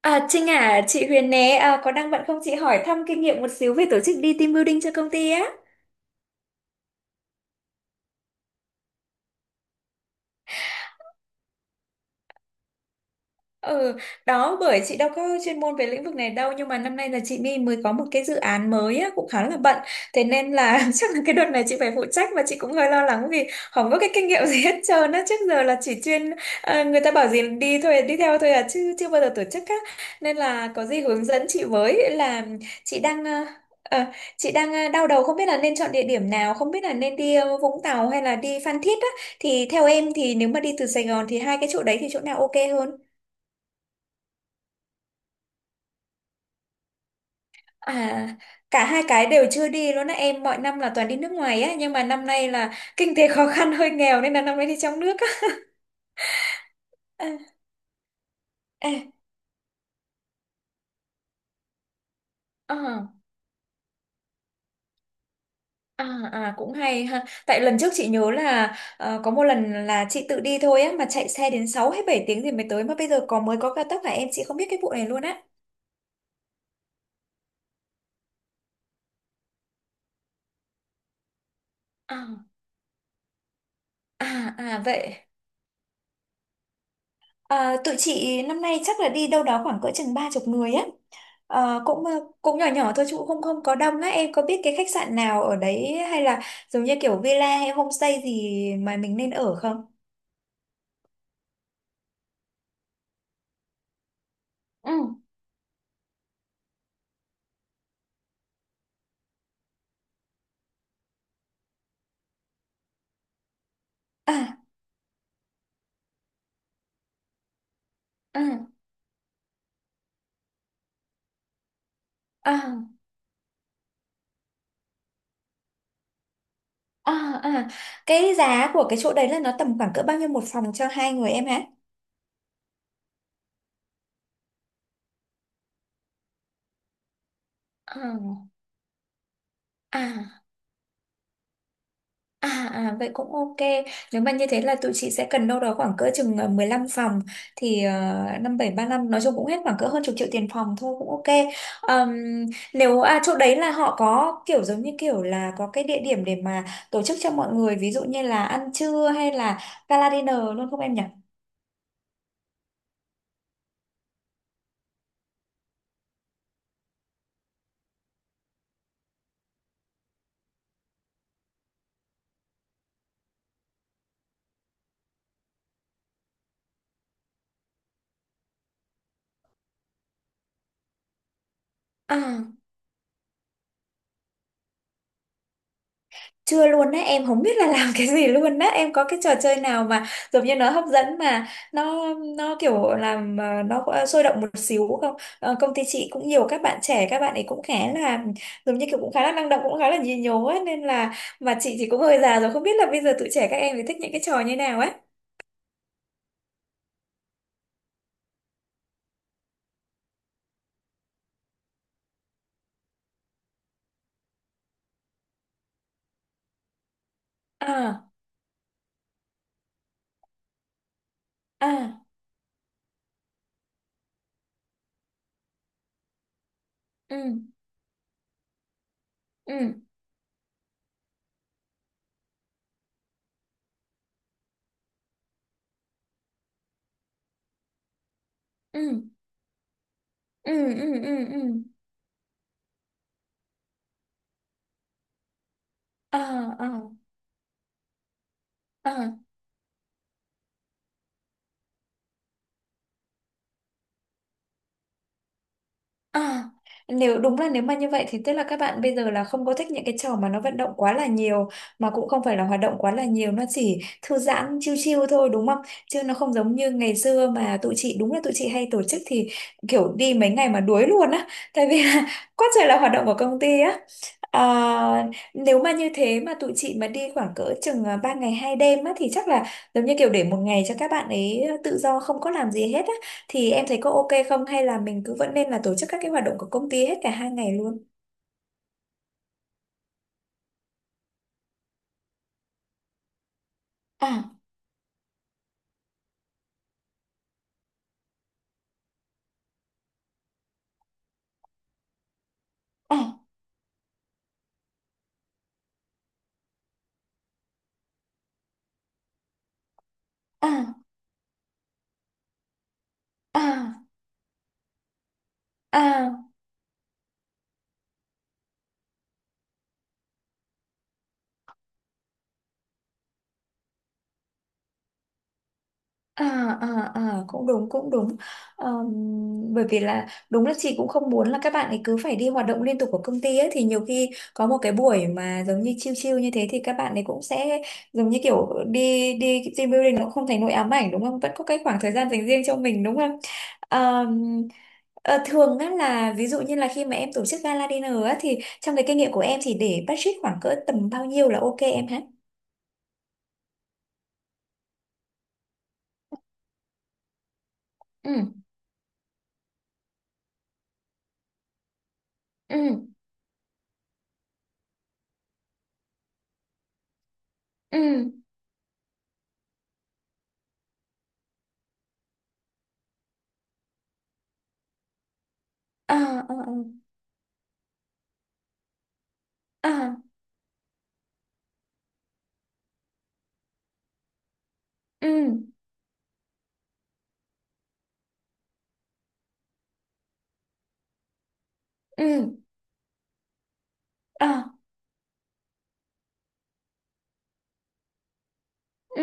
À, Trinh à, chị Huyền nè, à, có đang bận không chị hỏi thăm kinh nghiệm một xíu về tổ chức đi team building cho công ty á? Ừ, đó bởi chị đâu có chuyên môn về lĩnh vực này đâu, nhưng mà năm nay là chị My mới có một cái dự án mới á, cũng khá là bận, thế nên là chắc là cái đợt này chị phải phụ trách và chị cũng hơi lo lắng vì không có cái kinh nghiệm gì hết trơn á, trước giờ là chỉ chuyên người ta bảo gì đi thôi đi theo thôi à chứ chưa bao giờ tổ chức á, nên là có gì hướng dẫn chị với. Là chị đang ờ, chị đang đau đầu không biết là nên chọn địa điểm nào, không biết là nên đi Vũng Tàu hay là đi Phan Thiết á, thì theo em thì nếu mà đi từ Sài Gòn thì hai cái chỗ đấy thì chỗ nào ok hơn? À, cả hai cái đều chưa đi luôn á em, mọi năm là toàn đi nước ngoài á, nhưng mà năm nay là kinh tế khó khăn hơi nghèo nên là năm nay đi trong nước á. À, à, à, à, à, cũng hay ha, tại lần trước chị nhớ là có một lần là chị tự đi thôi á mà chạy xe đến 6 hay 7 tiếng thì mới tới, mà bây giờ có mới có cao tốc hả em, chị không biết cái vụ này luôn á. À, à, à vậy. À, tụi chị năm nay chắc là đi đâu đó khoảng cỡ chừng 30 người á. Ờ, cũng nhỏ nhỏ thôi chứ cũng không không có đông á, em có biết cái khách sạn nào ở đấy hay là giống như kiểu villa hay homestay gì mà mình nên ở không? Ừ. À, à, à, à, à. Cái giá của cái chỗ đấy là nó tầm khoảng cỡ bao nhiêu một phòng cho hai người em hả? À, à. À, à vậy cũng ok. Nếu mà như thế là tụi chị sẽ cần đâu đó khoảng cỡ chừng 15 phòng thì 5735 nói chung cũng hết khoảng cỡ hơn chục triệu tiền phòng thôi, cũng ok. Ờm, Nếu chỗ đấy là họ có kiểu giống như kiểu là có cái địa điểm để mà tổ chức cho mọi người, ví dụ như là ăn trưa hay là gala dinner luôn không em nhỉ? À. Chưa luôn á, em không biết là làm cái gì luôn á, em có cái trò chơi nào mà giống như nó hấp dẫn mà nó kiểu làm nó có sôi động một xíu không? Ờ, công ty chị cũng nhiều các bạn trẻ, các bạn ấy cũng khá là giống như kiểu cũng khá là năng động, cũng khá là nhí nhố ấy, nên là mà chị thì cũng hơi già rồi, không biết là bây giờ tụi trẻ các em thì thích những cái trò như nào ấy. À, à, ừ, ừ, ừ, ừ, ừ, ừ, ừ, ừ, à, à, à. À, nếu đúng là nếu mà như vậy thì tức là các bạn bây giờ là không có thích những cái trò mà nó vận động quá là nhiều, mà cũng không phải là hoạt động quá là nhiều, nó chỉ thư giãn chill chill thôi đúng không? Chứ nó không giống như ngày xưa mà tụi chị, đúng là tụi chị hay tổ chức thì kiểu đi mấy ngày mà đuối luôn á, tại vì là quá trời là hoạt động của công ty á. À, nếu mà như thế mà tụi chị mà đi khoảng cỡ chừng 3 ngày 2 đêm á thì chắc là giống như kiểu để một ngày cho các bạn ấy tự do không có làm gì hết á thì em thấy có ok không, hay là mình cứ vẫn nên là tổ chức các cái hoạt động của công ty hết cả hai ngày luôn? À, à, à, à, à. À, à, à, cũng đúng cũng đúng. Ờm, Bởi vì là đúng là chị cũng không muốn là các bạn ấy cứ phải đi hoạt động liên tục của công ty ấy, thì nhiều khi có một cái buổi mà giống như chill chill như thế thì các bạn ấy cũng sẽ giống như kiểu đi đi team building nó cũng không thành nỗi ám ảnh đúng không, vẫn có cái khoảng thời gian dành riêng cho mình đúng không. Ờm, Thường á là ví dụ như là khi mà em tổ chức gala dinner á thì trong cái kinh nghiệm của em thì để budget khoảng cỡ tầm bao nhiêu là ok em hả? Ừ, ừ, ừ, à, à, à, à. Ừ, ừ, à, ừ,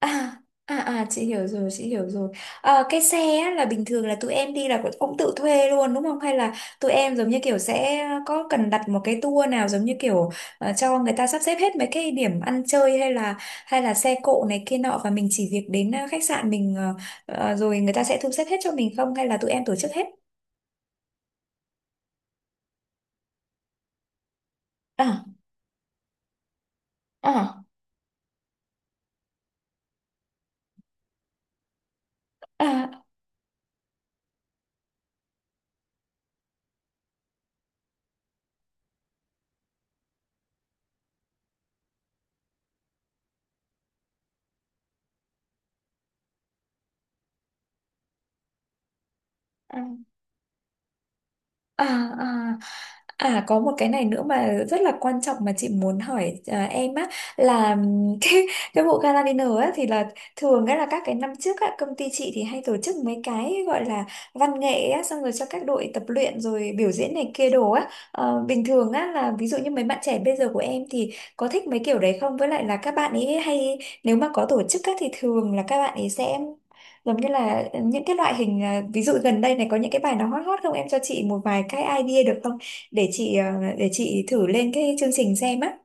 à, à, à, chị hiểu rồi chị hiểu rồi. Ờ, cái xe á, là bình thường là tụi em đi là cũng tự thuê luôn đúng không, hay là tụi em giống như kiểu sẽ có cần đặt một cái tour nào giống như kiểu cho người ta sắp xếp hết mấy cái điểm ăn chơi, hay là xe cộ này kia nọ và mình chỉ việc đến khách sạn mình, rồi người ta sẽ thu xếp hết cho mình, không hay là tụi em tổ chức hết? À, à, à, à. À, à, à có một cái này nữa mà rất là quan trọng mà chị muốn hỏi em á, là cái bộ gala dinner á thì là thường á là các cái năm trước á công ty chị thì hay tổ chức mấy cái gọi là văn nghệ á, xong rồi cho các đội tập luyện rồi biểu diễn này kia đồ á. Ờ, bình thường á là ví dụ như mấy bạn trẻ bây giờ của em thì có thích mấy kiểu đấy không, với lại là các bạn ấy hay nếu mà có tổ chức á thì thường là các bạn ấy sẽ giống như là những cái loại hình ví dụ gần đây này có những cái bài nào hot hot không, em cho chị một vài cái idea được không, để chị để chị thử lên cái chương trình xem á.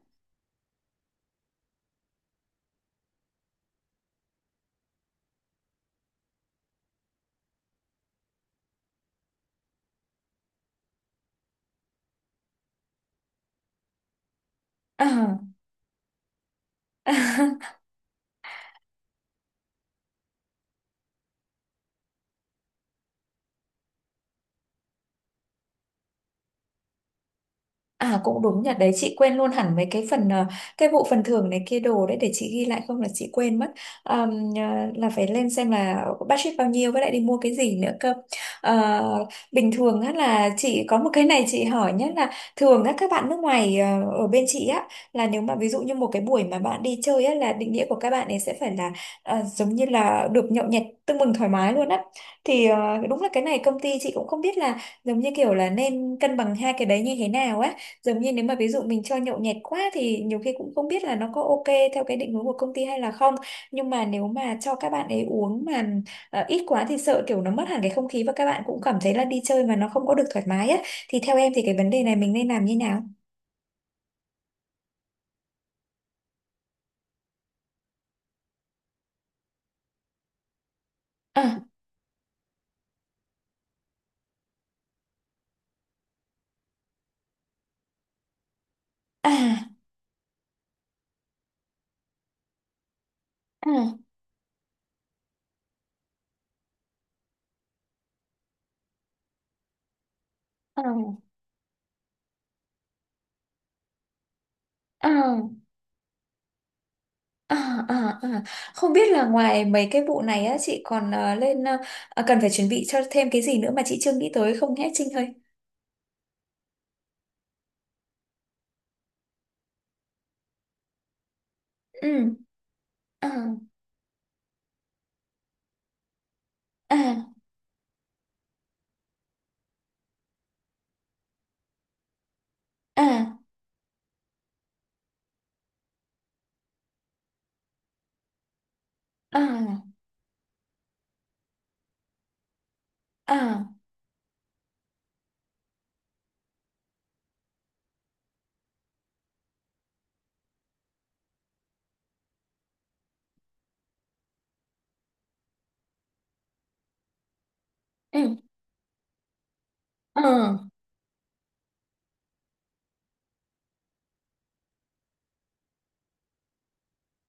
À. À cũng đúng nhỉ, đấy chị quên luôn hẳn mấy cái phần cái vụ phần thưởng này kia đồ đấy, để chị ghi lại không là chị quên mất. Ờm, ờ, là phải lên xem là budget bao nhiêu, với lại đi mua cái gì nữa cơ. Ờ, bình thường á là chị có một cái này chị hỏi nhé, là thường á các bạn nước ngoài ở bên chị á là nếu mà ví dụ như một cái buổi mà bạn đi chơi á là định nghĩa của các bạn ấy sẽ phải là giống như là được nhậu nhẹt tưng bừng thoải mái luôn á. Thì đúng là cái này công ty chị cũng không biết là giống như kiểu là nên cân bằng hai cái đấy như thế nào á, giống như nếu mà ví dụ mình cho nhậu nhẹt quá thì nhiều khi cũng không biết là nó có ok theo cái định hướng của công ty hay là không, nhưng mà nếu mà cho các bạn ấy uống mà ít quá thì sợ kiểu nó mất hẳn cái không khí và các bạn cũng cảm thấy là đi chơi mà nó không có được thoải mái á, thì theo em thì cái vấn đề này mình nên làm như nào? À, à, à, à, à, à, à, à. Không biết là ngoài mấy cái vụ này á chị còn cần phải chuẩn bị cho thêm cái gì nữa mà chị chưa nghĩ tới không nhé Trinh ơi? Ừ, à, à, à, à. À, ừ, ờ,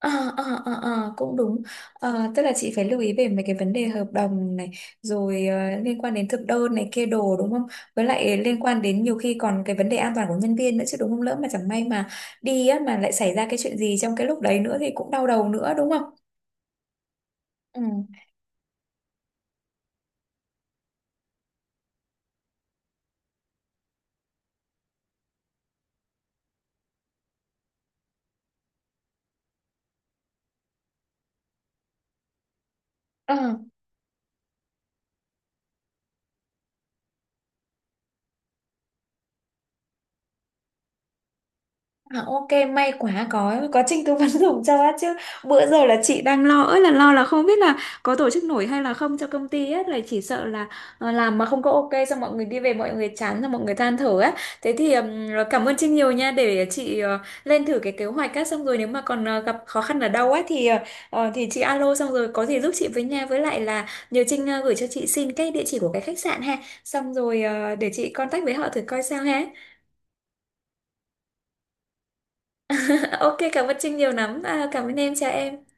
ờ, ờ, ờ, ờ, cũng đúng. Ờ, tức là chị phải lưu ý về mấy cái vấn đề hợp đồng này, rồi liên quan đến thực đơn này kia đồ đúng không? Với lại liên quan đến nhiều khi còn cái vấn đề an toàn của nhân viên nữa chứ đúng không? Lỡ mà chẳng may mà đi á, mà lại xảy ra cái chuyện gì trong cái lúc đấy nữa thì cũng đau đầu nữa đúng không? Ừ. Ờ. À, ok, may quá có Trinh tư vấn dùm cho á, chứ bữa giờ là chị đang lo ơi là lo, là không biết là có tổ chức nổi hay là không cho công ty ấy, là chỉ sợ là làm mà không có ok xong mọi người đi về mọi người chán rồi mọi người than thở á. Thế thì cảm ơn Trinh nhiều nha, để chị lên thử cái kế hoạch á, xong rồi nếu mà còn gặp khó khăn ở đâu á thì thì chị alo xong rồi có gì giúp chị với nha, với lại là nhờ Trinh gửi cho chị xin cái địa chỉ của cái khách sạn ha, xong rồi để chị contact với họ thử coi sao ha. Ok, cảm ơn Trinh nhiều lắm. À, cảm ơn em, chào em.